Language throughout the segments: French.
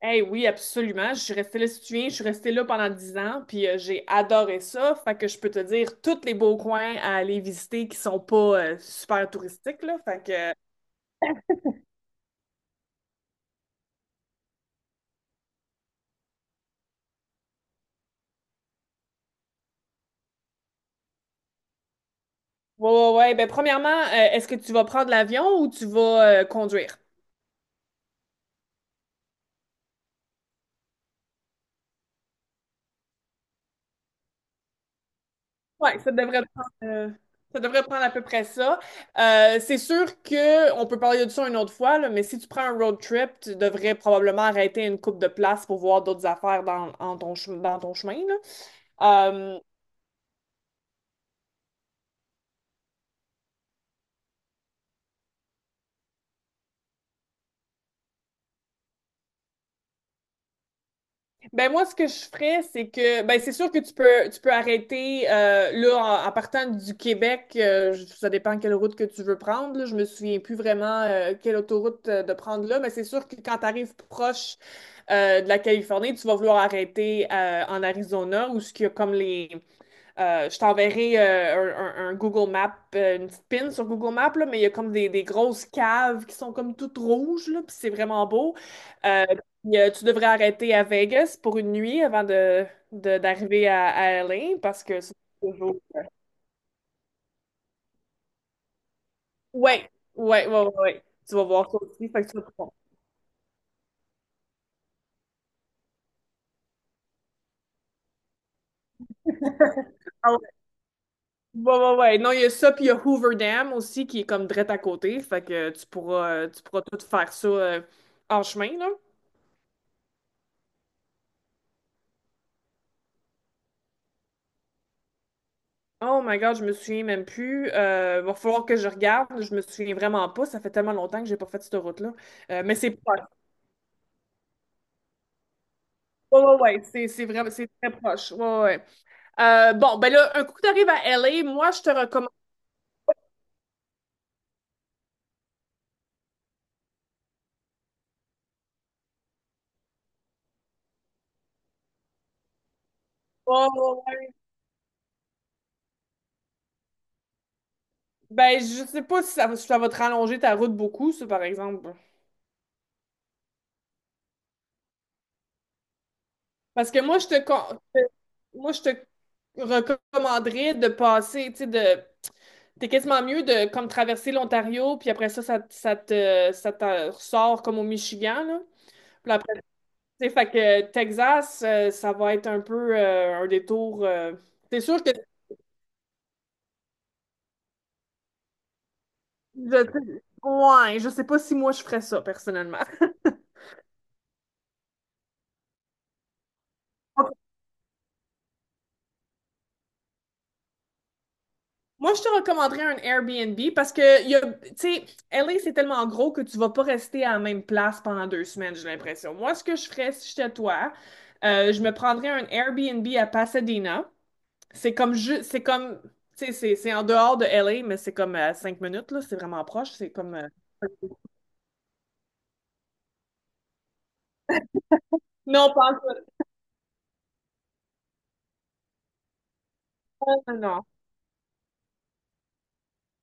Hey, oui, absolument. Je suis restée là, si tu te souviens, je suis restée là pendant 10 ans, puis j'ai adoré ça. Fait que je peux te dire tous les beaux coins à aller visiter qui sont pas super touristiques, là. Fait que, ouais, ouais, ouais. Ben, premièrement, est-ce que tu vas prendre l'avion ou tu vas conduire? Ouais, ça devrait prendre à peu près ça. C'est sûr que on peut parler de ça une autre fois, là, mais si tu prends un road trip, tu devrais probablement arrêter une coupe de place pour voir d'autres affaires dans, dans ton chemin, là. Ben moi, ce que je ferais, c'est que ben c'est sûr que tu peux arrêter là en partant du Québec, ça dépend quelle route que tu veux prendre. Là, je me souviens plus vraiment quelle autoroute de prendre là, mais c'est sûr que quand tu arrives proche de la Californie, tu vas vouloir arrêter en Arizona où ce qu'il y a comme les je t'enverrai un Google Map, une petite pin sur Google Map, là, mais il y a comme des grosses caves qui sont comme toutes rouges, là, puis c'est vraiment beau. Euh, puis, tu devrais arrêter à Vegas pour une nuit avant d'arriver à LA, parce que c'est toujours. Ouais, ouais, ouais, ouais, ouais. Tu vas voir ça aussi, fait que tu vas pouvoir- Ah ouais, ouais, ouais, ouais. Non, il y a ça, puis il y a Hoover Dam aussi qui est comme direct à côté, fait que tu pourras tout faire ça en chemin, là. Oh my God, je me souviens même plus. Va falloir que je regarde. Je me souviens vraiment pas. Ça fait tellement longtemps que j'ai pas fait cette route-là. Mais c'est proche. Ouais, ouais, ouais. C'est vraiment, c'est très proche. Ouais, ouais, ouais. Bon, ben là, un coup que t'arrives à LA, moi, je te recommande pas. Ouais, ouais, ouais. Ben, je sais pas si si ça va te rallonger ta route beaucoup, ça, par exemple. Parce que moi, je te recommanderais de passer, tu sais, de... T'es quasiment mieux de comme traverser l'Ontario, puis après ça te ressort comme au Michigan, là. Puis après, tu sais, fait que Texas, ça va être un peu un détour. C'est sûr que. Ouais, je sais pas si moi je ferais ça personnellement. Ok. Moi, je te recommanderais un Airbnb parce que, il y a, tu sais, LA, c'est tellement gros que tu vas pas rester à la même place pendant 2 semaines, j'ai l'impression. Moi, ce que je ferais si j'étais toi, je me prendrais un Airbnb à Pasadena. C'est comme, tu sais, c'est en dehors de LA, mais c'est comme à 5 minutes, là. C'est vraiment proche. C'est comme. Non, pas en- tout. Non, non.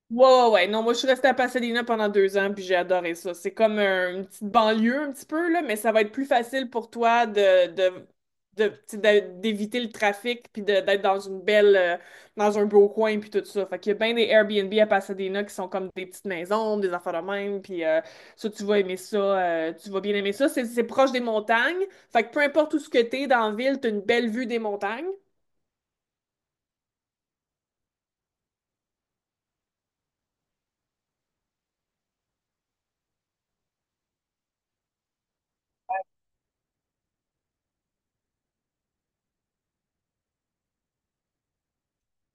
Ouais, ouais, ouais. Non, moi, je suis restée à Pasadena pendant 2 ans, puis j'ai adoré ça. C'est comme un- une petite banlieue, un petit peu, là, mais ça va être plus facile pour toi tu sais, d'éviter le trafic, puis d'être dans dans un beau coin, puis tout ça. Fait qu'il y a bien des Airbnb à Pasadena qui sont comme des petites maisons, des affaires de même, puis ça, tu vas aimer ça, tu vas bien aimer ça. C'est proche des montagnes. Fait que peu importe où ce que t'es dans la ville, t'as une belle vue des montagnes.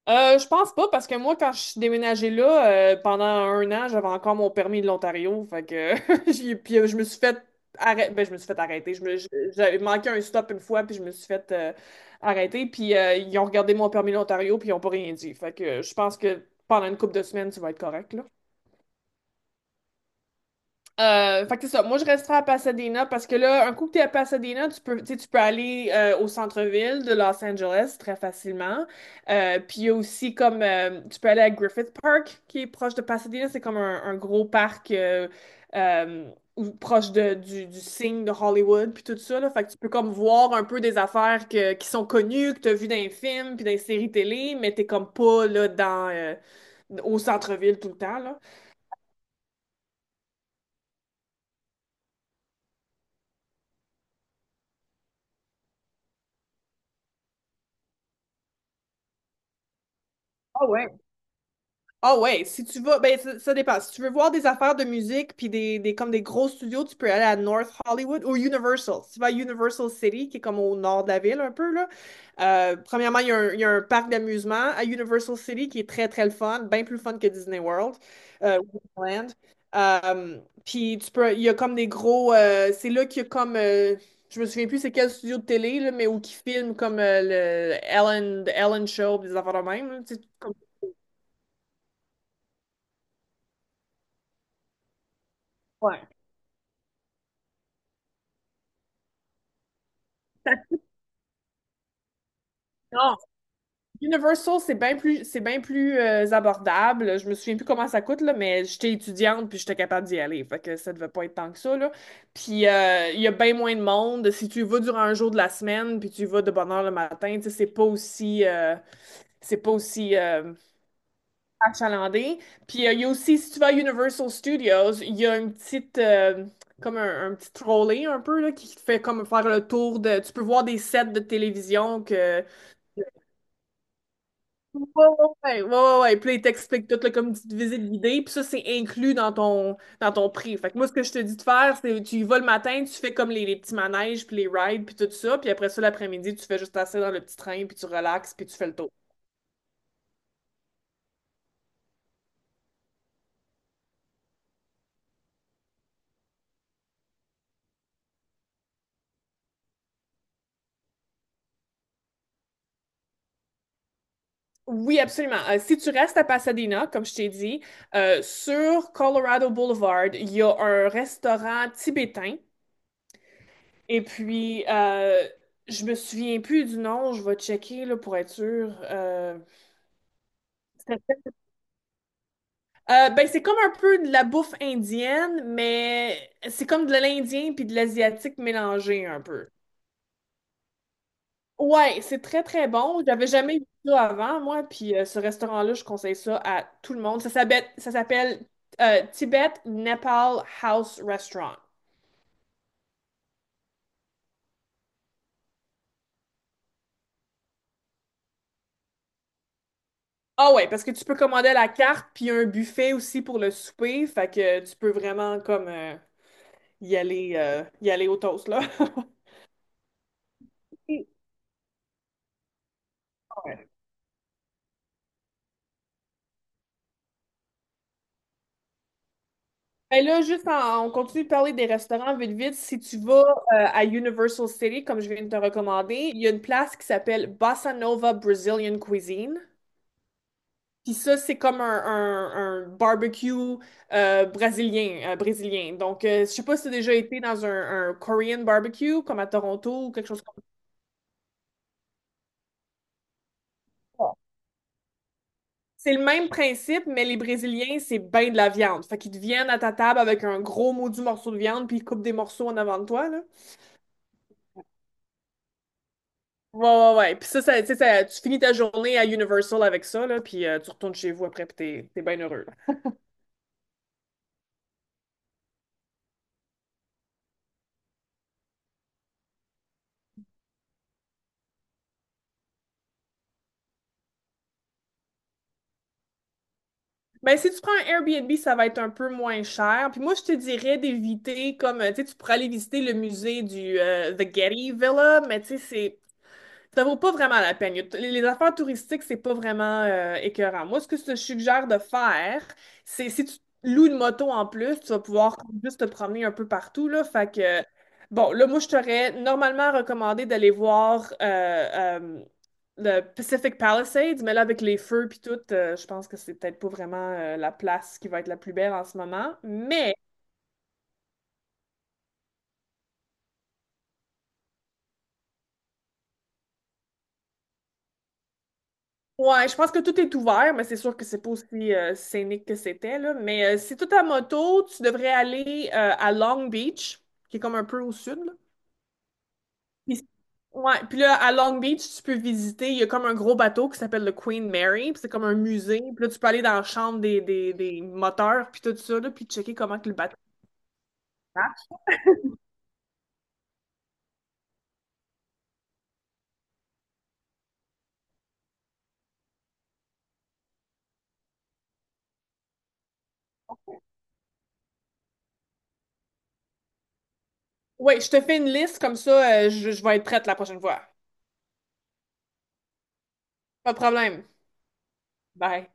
Je pense pas, parce que moi, quand je suis déménagée là, pendant un an, j'avais encore mon permis de l'Ontario. Fait que puis, je me suis fait arrêter. Ben, je me suis fait arrêter. J'avais manqué un stop une fois, puis je me suis fait arrêter. Puis ils ont regardé mon permis de l'Ontario, puis ils ont pas rien dit. Fait que je pense que pendant une couple de semaines, tu vas être correct, fait que c'est ça. Moi, je resterai à Pasadena parce que là, un coup que t'es à Pasadena, tu peux, tu sais, tu peux aller au centre-ville de Los Angeles très facilement. Puis il y a aussi comme tu peux aller à Griffith Park qui est proche de Pasadena. C'est comme un gros parc euh, proche de, du signe de Hollywood puis tout ça là. Fait que tu peux comme voir un peu des affaires que, qui sont connues, que t'as vu dans les films puis dans les séries télé, mais t'es comme pas là dans au centre-ville tout le temps là. ah ouais Ah ouais, si tu vas, ben ça dépend. Si tu veux voir des affaires de musique puis des comme des gros studios, tu peux aller à North Hollywood ou Universal. Si tu vas à Universal City, qui est comme au nord de la ville un peu là. Premièrement, il y a un parc d'amusement à Universal City qui est très très le fun, bien plus fun que Disney World, ou Disneyland. Euh, Puis tu peux, il y a comme des gros, c'est là qu'il y a comme, je me souviens plus c'est quel studio de télé là, mais où qui filme comme le Ellen Show, des affaires de même. Là, tu sais, Ouais. Ça- Non. Universal, c'est bien plus, c'est bien plus abordable. Je me souviens plus comment ça coûte, là, mais j'étais étudiante puis j'étais capable d'y aller. Fait que ça devait pas être tant que ça, là. Puis il y a bien moins de monde. Si tu y vas durant un jour de la semaine puis tu y vas de bonne heure le matin, tu sais, c'est pas aussi achalandé. Puis il y a aussi, si tu vas à Universal Studios, il y a comme un petit trolley un peu, là, qui te fait comme faire le tour de. Tu peux voir des sets de télévision que Ouais, ouais, ouais, ouais, ouais, ouais. Puis là, ils t'expliquent tout, là, comme une petite visite guidée. Puis ça, c'est inclus dans ton prix. Fait que moi, ce que je te dis de faire, c'est tu y vas le matin, tu fais comme les petits manèges, puis les rides, puis tout ça. Puis après ça, l'après-midi, tu fais juste assez dans le petit train, puis tu relaxes, puis tu fais le tour. Oui, absolument. Si tu restes à Pasadena, comme je t'ai dit, sur Colorado Boulevard, il y a un restaurant tibétain. Et puis, je me souviens plus du nom, je vais checker là, pour être sûre. Ben, c'est comme un peu de la bouffe indienne, mais c'est comme de l'indien puis de l'asiatique mélangé un peu. Ouais, c'est très très bon. J'avais jamais vu ça avant, moi, puis ce restaurant-là, je conseille ça à tout le monde. Ça s'appelle Tibet Nepal House Restaurant. Ah ouais, parce que tu peux commander à la carte, puis il y a un buffet aussi pour le souper, fait que tu peux vraiment comme y aller au toast, là. Ouais. Ben là, juste on continue de parler des restaurants vite vite. Si tu vas à Universal City, comme je viens de te recommander, il y a une place qui s'appelle Bossa Nova Brazilian Cuisine. Puis ça, c'est comme un barbecue brésilien. Donc, je sais pas si tu as déjà été dans un Korean barbecue, comme à Toronto ou quelque chose comme ça. C'est le même principe, mais les Brésiliens, c'est ben de la viande. Fait qu'ils te viennent à ta table avec un gros maudit morceau de viande, puis ils coupent des morceaux en avant de toi, là. Ouais, ouais, ouais. Puis ça, tu sais, tu finis ta journée à Universal avec ça, là, puis tu retournes chez vous après, puis t'es, t'es bien heureux. Mais si tu prends un Airbnb, ça va être un peu moins cher. Puis moi, je te dirais d'éviter, comme, tu sais, tu pourrais aller visiter le musée du The Getty Villa, mais tu sais, c'est ça vaut pas vraiment la peine. Il y a les affaires touristiques, c'est pas vraiment écœurant. Moi, ce que je te suggère de faire, c'est si tu loues une moto en plus, tu vas pouvoir juste te promener un peu partout, là. Fait que, bon, là, moi, je t'aurais normalement recommandé d'aller voir le Pacific Palisades, mais là, avec les feux puis tout, je pense que c'est peut-être pas vraiment la place qui va être la plus belle en ce moment. Mais ouais, je pense que tout est ouvert, mais c'est sûr que c'est pas aussi scénique que c'était, là. Mais si tout à moto, tu devrais aller à Long Beach, qui est comme un peu au sud, là. Puis, ouais, puis là, à Long Beach, tu peux visiter, il y a comme un gros bateau qui s'appelle le Queen Mary, puis c'est comme un musée. Puis là, tu peux aller dans la chambre des moteurs, puis tout ça, là, puis checker comment que le bateau... Ouais, je te fais une liste, comme ça, je vais être prête la prochaine fois. Pas de problème. Bye.